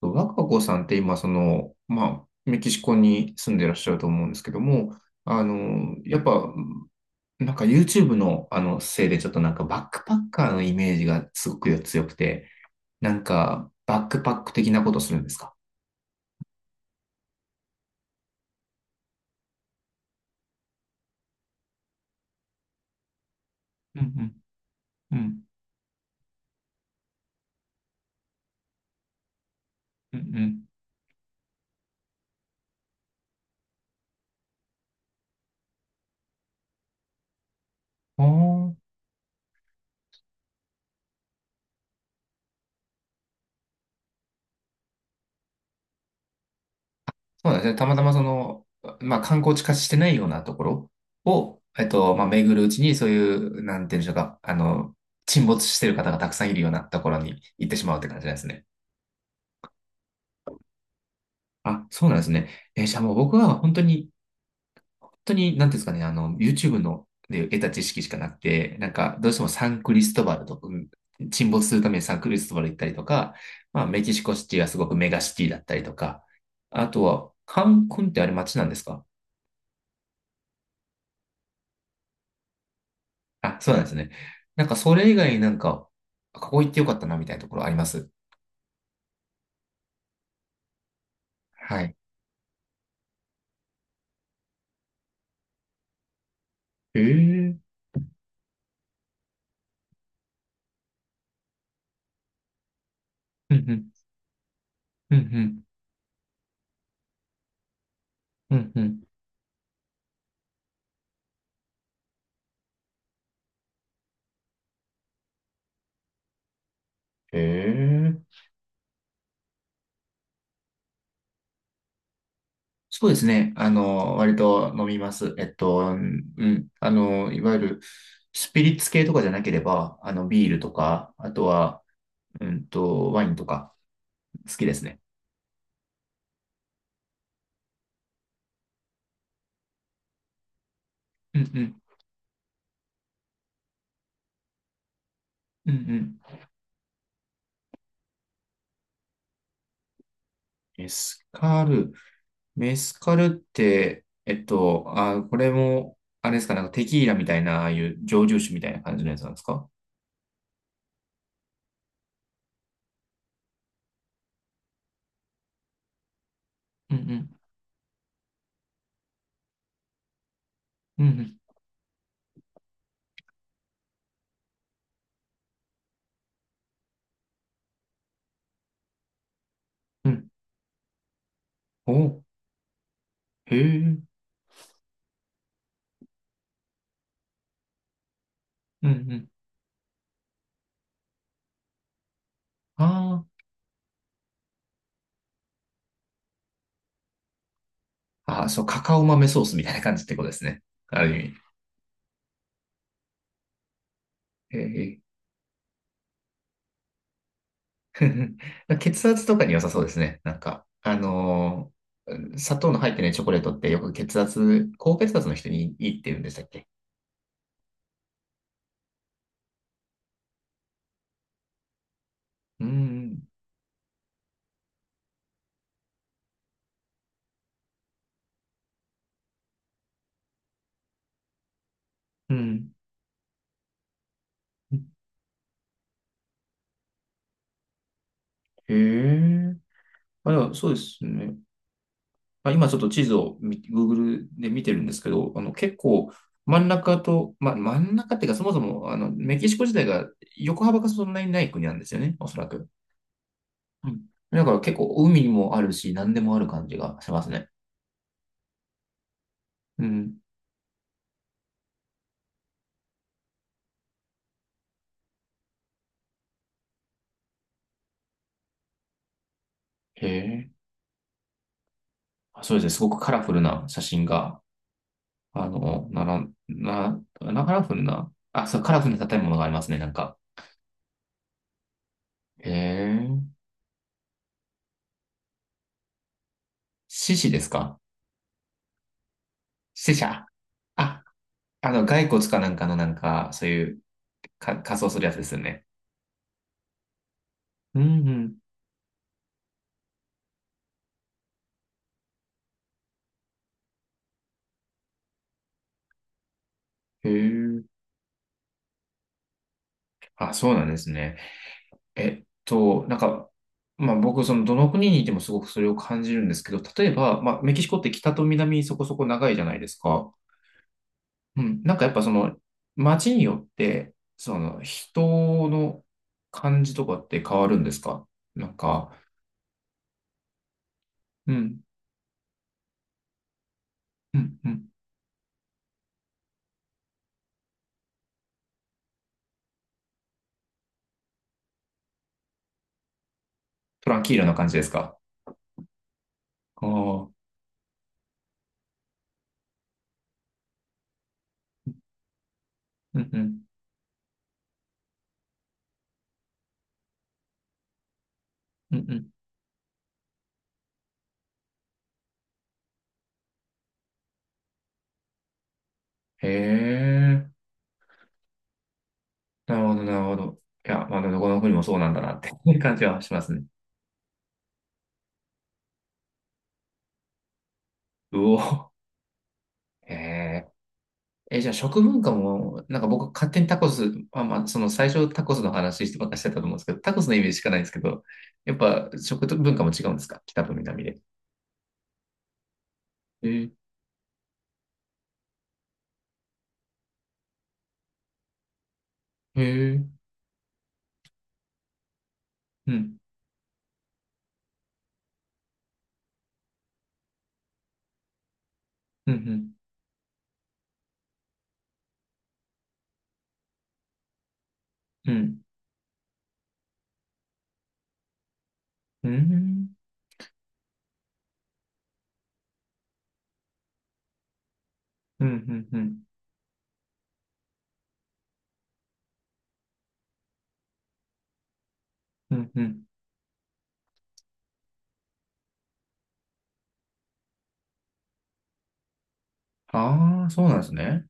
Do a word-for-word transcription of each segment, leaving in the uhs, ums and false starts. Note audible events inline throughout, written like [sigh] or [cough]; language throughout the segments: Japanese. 若子さんって今、その、まあ、メキシコに住んでらっしゃると思うんですけども、あの、やっぱ、なんか YouTube のあのせいでちょっとなんかバックパッカーのイメージがすごく強くて、なんかバックパック的なことするんですか？うんうんうんうんうん。あ、そうなんですね。たまたまその、まあ観光地化してないようなところを、えっと、まあ巡るうちにそういう、なんていうんでしょうか、あの、沈没してる方がたくさんいるようなところに行ってしまうって感じなんですね。あ、そうなんですね。えーじゃあもう僕は本当に、本当に、なんていうんですかね、あの、YouTube ので得た知識しかなくて、なんか、どうしてもサンクリストバルとか、うん、沈没するためにサンクリストバル行ったりとか、まあ、メキシコシティはすごくメガシティだったりとか、あとは、カンクンってあれ街なんですか？あ、そうなんですね。なんか、それ以外になんか、ここ行ってよかったな、みたいなところあります？はい。ええ。うんうん、うんうん、うんうん。ええ、そうですね。あの、割と飲みます。えっと、うんうん。あの、いわゆるスピリッツ系とかじゃなければ、あの、ビールとか、あとは、うんと、ワインとか、好きですね。うんうん。うんうん。メスカル。メスカルって、えっと、あ、これも、あれですか、なんかテキーラみたいな、ああいう蒸留酒みたいな感じのやつなんですか？うんうん。うんうん。うん。お、へえ。うんうん。あー、あー、そう、カカオ豆ソースみたいな感じってことですね。ある意味。ええ [laughs]、血圧とかに良さそうですね。なんか、あのー砂糖の入ってないチョコレートってよく血圧、高血圧の人にいいって言うんでしたっけ？うん、うん。へえ。あ、でもそうですね。あ、今ちょっと地図をグ グーグル で見てるんですけど、あの、結構真ん中と、ま、真ん中っていうかそもそも、あの、メキシコ自体が横幅がそんなにない国なんですよね、おそらく。うん。だから結構海にもあるし、何でもある感じがしますね。うん。へえ。そうですね、すごくカラフルな写真が、あの、なら、な、な、カラフルな、あ、そう、カラフルな建物がありますね、なんか。へえ。獅子ですか？死者。あ、あの、骸骨かなんかのなんか、そういう、か、仮装するやつですよね。うんうん。へえ。あ、そうなんですね。えっと、なんか、まあ僕、その、どの国にいてもすごくそれを感じるんですけど、例えば、まあ、メキシコって北と南そこそこ長いじゃないですか。うん、なんかやっぱその街によって、その人の感じとかって変わるんですか？なんか。うん、うん、うん。トランキーラな感じですか？ああー、うん、うん、うん、うん。へえ、なるほど、なるほど。いや、まあ、どこの国もそうなんだなって [laughs] いう感じはしますね。うお、へえ。え、じゃあ食文化も、なんか僕勝手にタコス、まあ、まあ、その最初タコスの話してばっかりしてたと思うんですけど、タコスのイメージしかないんですけど、やっぱ食文化も違うんですか北と南で？えー、へえ、うん、うん、うん、うん、うん、うん、うん、うん、うん、うん。ああ、そうなんですね。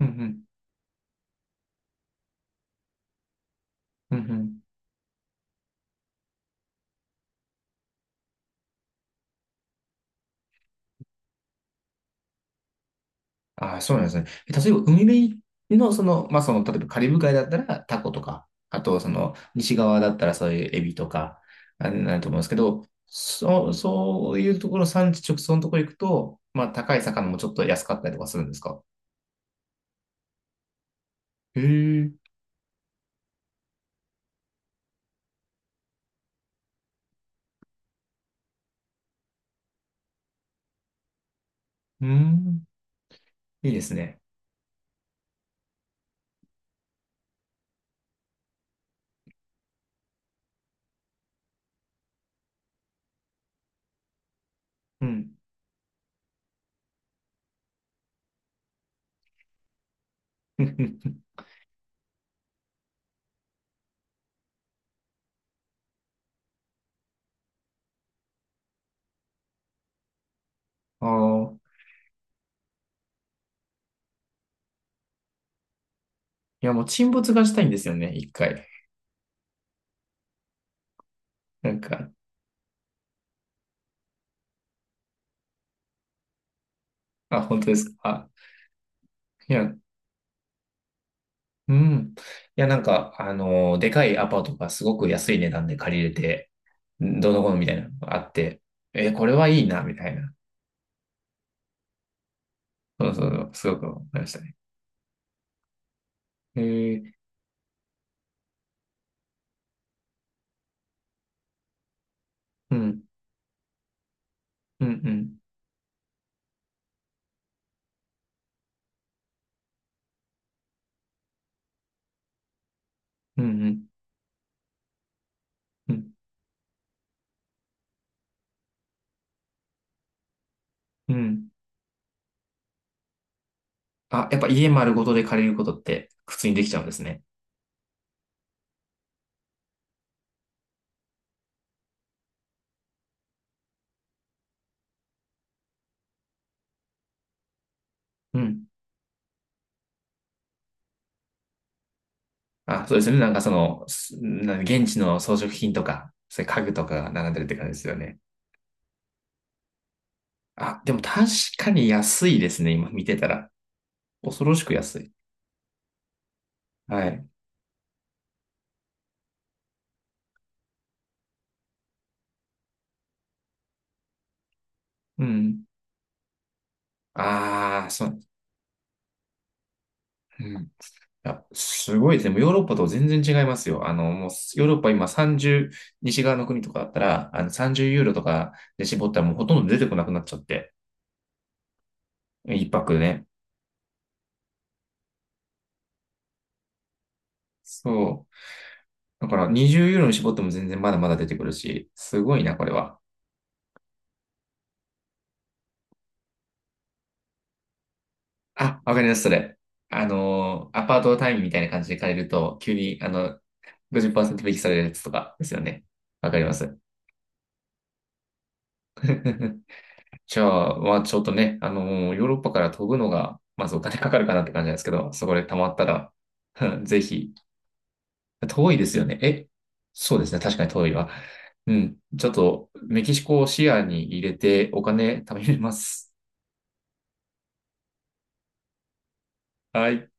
うん、うん、うん、うん。ああ、そうなんですね。え例えば、海辺の、その、まあ、その、例えばカリブ海だったらタコとか、あと、その、西側だったらそういうエビとか、あれになると思うんですけど、そう、そういうところ、産地直送のところ行くと、まあ、高い魚もちょっと安かったりとかするんですか？へえ、うん、いいですね。うん。[laughs] ああ。いや、もう沈没がしたいんですよね、いっかい。なんか、あ、本当ですか？いや、うん。いや、なんか、あの、でかいアパートがすごく安い値段で借りれて、どうのこうのみたいなのがあって、え、これはいいな、みたいな。そうそうそう、すごく思いましたね。えー、うん、うん、うん、うん、うん、うん、うん。あ、やっぱ家丸ごとで借りることって普通にできちゃうんですね。うん。あ、そうですね。なんかその、すなん現地の装飾品とか、そういう家具とかが並んでるって感じですよね。あ、でも確かに安いですね、今見てたら。恐ろしく安い。はい。うん。ああ、そう。うん。あ、すごいですね。もうヨーロッパと全然違いますよ。あの、もうヨーロッパ今さんじゅう、西側の国とかだったら、あのさんじゅうユーロとかで絞ったらもうほとんど出てこなくなっちゃって。いっぱくでね。そう。だからにじゅうユーロに絞っても全然まだまだ出てくるし、すごいな、これは。あ、わかります、それ。あのー、アパート単位みたいな感じで借りると、急に、あの、ごじゅっパーセント引きされるやつとかですよね。わかります。[laughs] じゃあ、まあちょっとね、あのーヨーロッパから飛ぶのが、まずお金かかるかなって感じなんですけど、そこで貯まったら、[laughs] ぜひ。遠いですよね。え、そうですね。確かに遠いわ。うん。ちょっと、メキシコを視野に入れてお金貯めます。はい。